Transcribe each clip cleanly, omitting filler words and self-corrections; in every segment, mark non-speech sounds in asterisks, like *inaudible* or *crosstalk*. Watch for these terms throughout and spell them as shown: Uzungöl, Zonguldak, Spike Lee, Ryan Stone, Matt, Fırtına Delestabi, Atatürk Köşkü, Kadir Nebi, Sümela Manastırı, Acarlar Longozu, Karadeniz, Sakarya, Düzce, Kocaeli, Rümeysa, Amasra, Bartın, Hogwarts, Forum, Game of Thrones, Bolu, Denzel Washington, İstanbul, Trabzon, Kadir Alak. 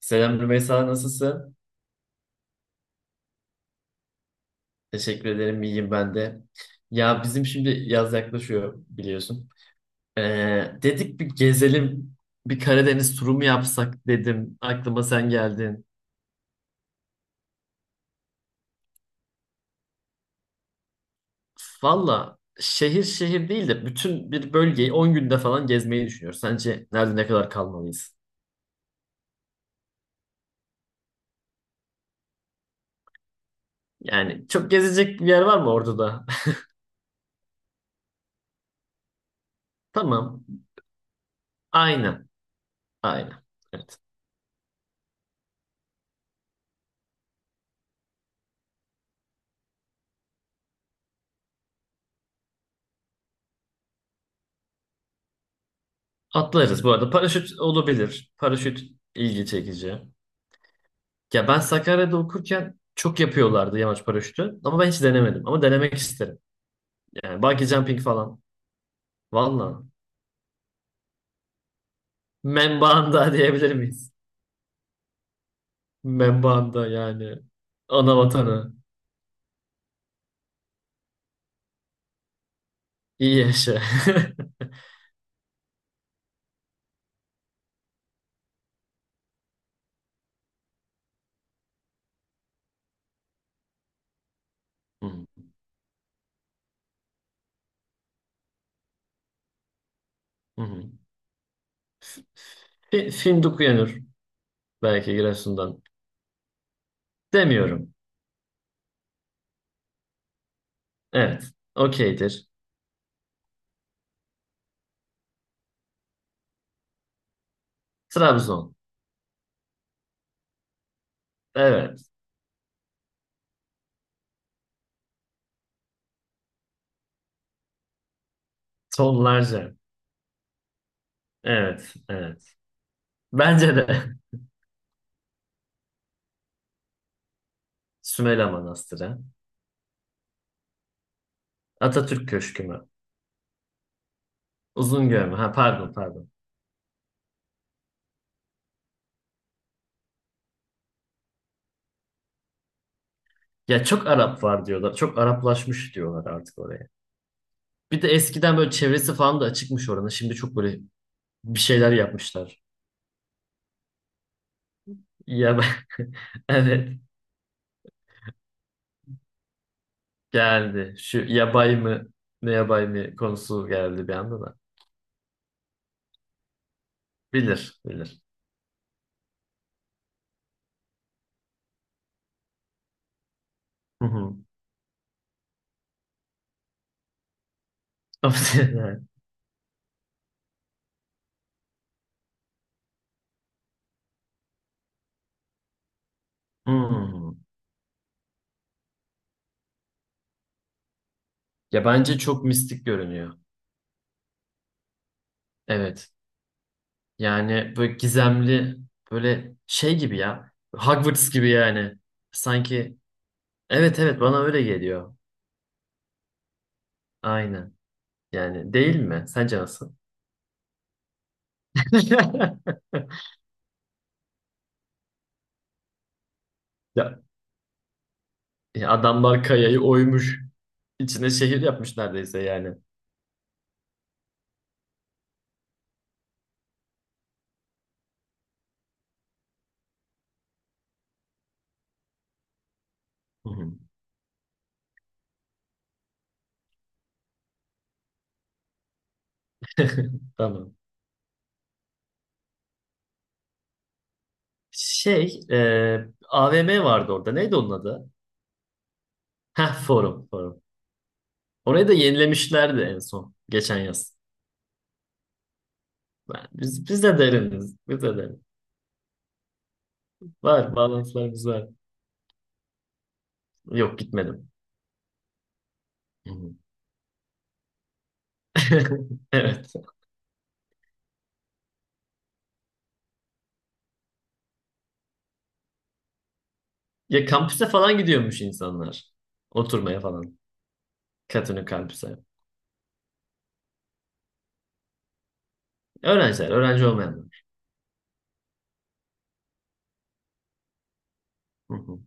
Selam Rümeysa, nasılsın? Teşekkür ederim, iyiyim ben de. Ya bizim şimdi yaz yaklaşıyor biliyorsun. Dedik bir gezelim, bir Karadeniz turu mu yapsak dedim. Aklıma sen geldin. Valla şehir şehir değil de bütün bir bölgeyi 10 günde falan gezmeyi düşünüyoruz. Sence nerede ne kadar kalmalıyız? Yani çok gezecek bir yer var mı orada da? *laughs* Tamam, aynen, aynen. Evet. Atlarız bu arada. Paraşüt olabilir. Paraşüt ilgi çekici. Ya ben Sakarya'da okurken çok yapıyorlardı yamaç paraşütü. Ama ben hiç denemedim. Ama denemek isterim. Yani bungee jumping falan. Valla. Membanda *laughs* diyebilir miyiz? Membanda yani. Ana vatanı. İyi yaşa. *laughs* Hı hı. Hı. Fındık Uyanır belki Giresun'dan. Demiyorum. Evet. Okeydir. Trabzon. Evet. Tonlarca. Evet. Evet. Bence de. *laughs* Sümela Manastırı. Atatürk Köşkü mü? Uzungöl mü? Ha pardon pardon. Ya çok Arap var diyorlar. Çok Araplaşmış diyorlar artık oraya. Bir de eskiden böyle çevresi falan da açıkmış oranın. Şimdi çok böyle bir şeyler yapmışlar. Ya *laughs* evet geldi. Şu yabay mı ne yabay mı konusu geldi bir anda da. Bilir bilir. Hı hı. *laughs* Hmm. Ya bence çok mistik görünüyor. Evet. Yani böyle gizemli böyle şey gibi ya. Hogwarts gibi yani. Sanki evet evet bana öyle geliyor. Aynen. Yani değil mi? Sence nasıl? *laughs* Ya, ya adamlar kayayı oymuş. İçine şehir yapmış neredeyse yani. Hı hı. *laughs* Tamam. Şey, AVM vardı orada. Neydi onun adı? Heh, Forum, Forum. Orayı da yenilemişlerdi en son. Geçen yaz. Biz de deriniz. Biz de deriniz. Var, bağlantılarımız var. Yok, gitmedim. Hı hı. *laughs* Evet. Ya kampüse falan gidiyormuş insanlar. Oturmaya falan. Katını kampüse. Öğrenciler, öğrenci olmayanlar. Hı hı.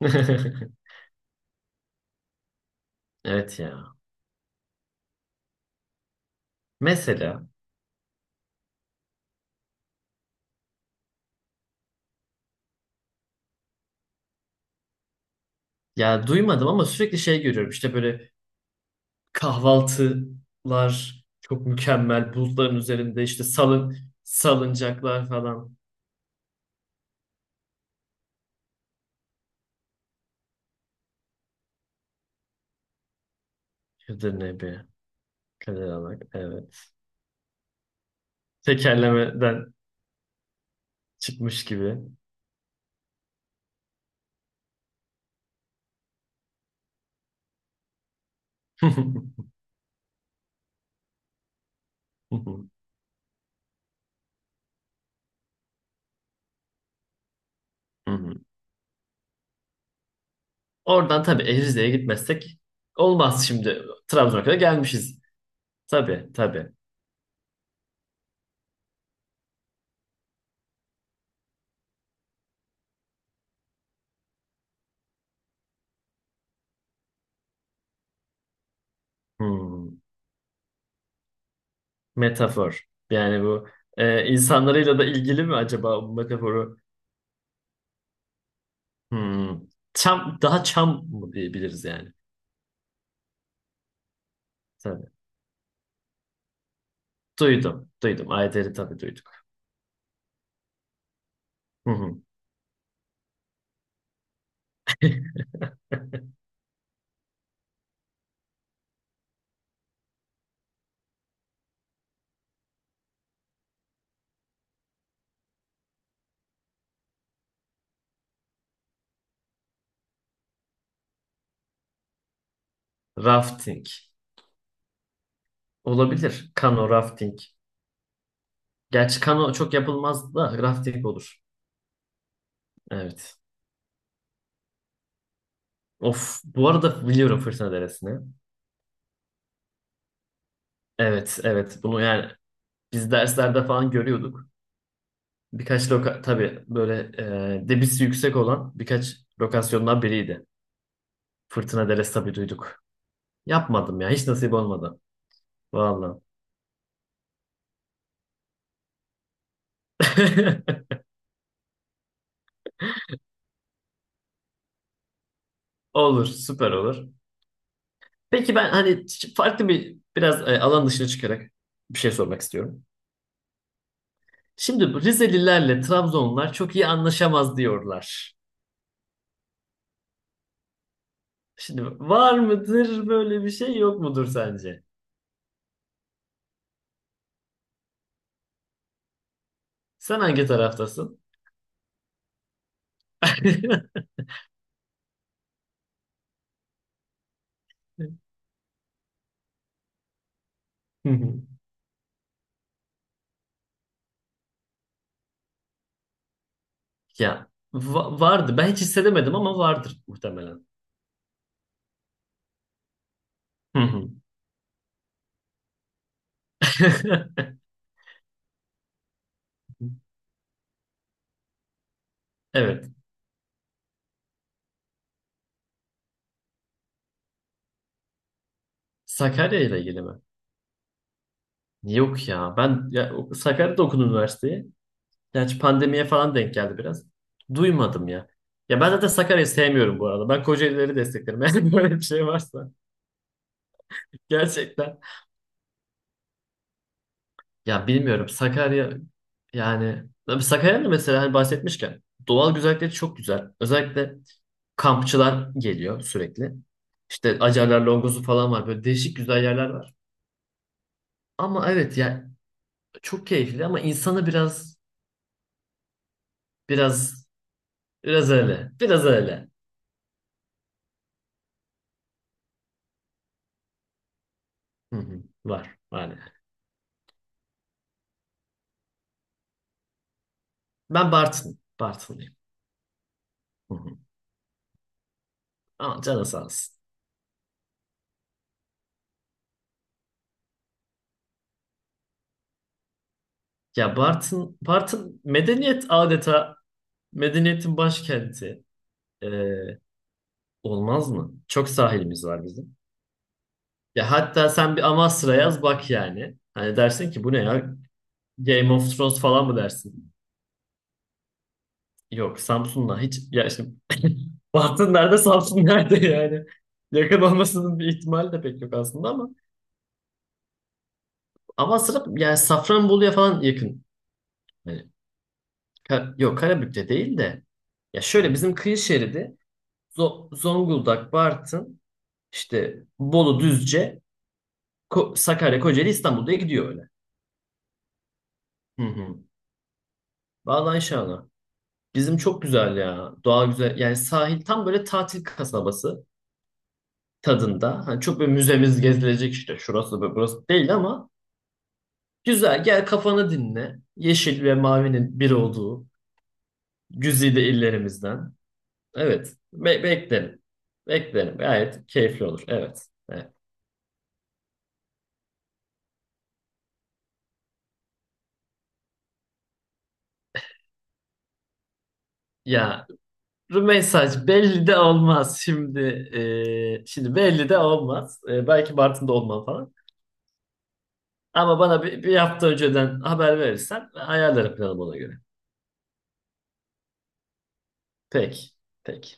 *laughs* Evet ya. Mesela ya duymadım ama sürekli şey görüyorum. İşte böyle kahvaltılar çok mükemmel. Bulutların üzerinde işte salıncaklar falan. Kadir Nebi. Kadir Alak. Evet. Tekerlemeden çıkmış gibi. *laughs* Hı hı. Hı hı. Oradan tabii Erizli'ye gitmezsek olmaz şimdi. Trabzon'a kadar gelmişiz. Tabii tabii. Hı. Metafor. Yani bu insanlarıyla da ilgili mi acaba bu metaforu? Hmm. Çam, daha çam mı diyebiliriz yani? Tabii. Duydum. Duydum. Ayder'i tabii duyduk. Hı hı. *laughs* Rafting. Olabilir. Kano, rafting. Gerçi kano çok yapılmaz da rafting olur. Evet. Of. Bu arada biliyorum Fırtına Deresi'ni. Evet, evet. Bunu yani biz derslerde falan görüyorduk. Birkaç tabii böyle debisi yüksek olan birkaç lokasyondan biriydi. Fırtına Delestabi duyduk. Yapmadım ya. Hiç nasip olmadı. Vallahi. *laughs* Olur. Süper olur. Peki ben hani farklı bir biraz alan dışına çıkarak bir şey sormak istiyorum. Şimdi bu Rizelilerle Trabzonlular çok iyi anlaşamaz diyorlar. Şimdi var mıdır böyle bir şey yok mudur sence? Sen hangi taraftasın? *laughs* Hı hı. Ya vardı. Ben hiç hissedemedim ama vardır muhtemelen. Hı hı. *laughs* Evet. Sakarya ile ilgili mi? Yok ya. Ben ya, Sakarya'da okudum üniversiteyi. Gerçi pandemiye falan denk geldi biraz. Duymadım ya. Ya ben zaten Sakarya'yı sevmiyorum bu arada. Ben Kocaeli'leri desteklerim. *laughs* Eğer böyle bir şey varsa. Gerçekten. Ya bilmiyorum. Sakarya yani tabii Sakarya'nın mesela hani bahsetmişken doğal güzellikleri çok güzel. Özellikle kampçılar geliyor sürekli. İşte Acarlar Longozu falan var. Böyle değişik güzel yerler var. Ama evet ya çok keyifli ama insanı biraz biraz öyle. Biraz öyle. Hı hı. Var. Var yani. Ben Bartın. Bartınlıyım. Hı hı. Ama canı sağ olsun. Ya Bartın medeniyet adeta medeniyetin başkenti. Ee, olmaz mı? Çok sahilimiz var bizim. Ya hatta sen bir Amasra yaz bak yani. Hani dersin ki bu ne ya? Game of Thrones falan mı dersin? Yok Samsun'la hiç ya işte Bartın nerede Samsun nerede yani? Yakın olmasının bir ihtimali de pek yok aslında ama Amasra yani Safranbolu'ya falan yakın. Hani. Yok Karabük'te değil de ya şöyle bizim kıyı şeridi Zonguldak, Bartın, işte Bolu, Düzce, Sakarya, Kocaeli, İstanbul diye gidiyor öyle. Hı hı. Vallahi inşallah. Bizim çok güzel ya. Doğa güzel. Yani sahil tam böyle tatil kasabası tadında. Hani çok böyle müzemiz gezilecek işte. Şurası ve burası değil ama güzel. Gel kafanı dinle. Yeşil ve mavinin bir olduğu güzide illerimizden. Evet. Beklerim. Beklerim. Gayet keyifli olur. Evet. Evet. Ya mesaj belli de olmaz şimdi. Şimdi belli de olmaz. Belki Bartın'da olmam falan. Ama bana bir hafta önceden haber verirsen ayarlarım planımı ona göre. Peki. Peki.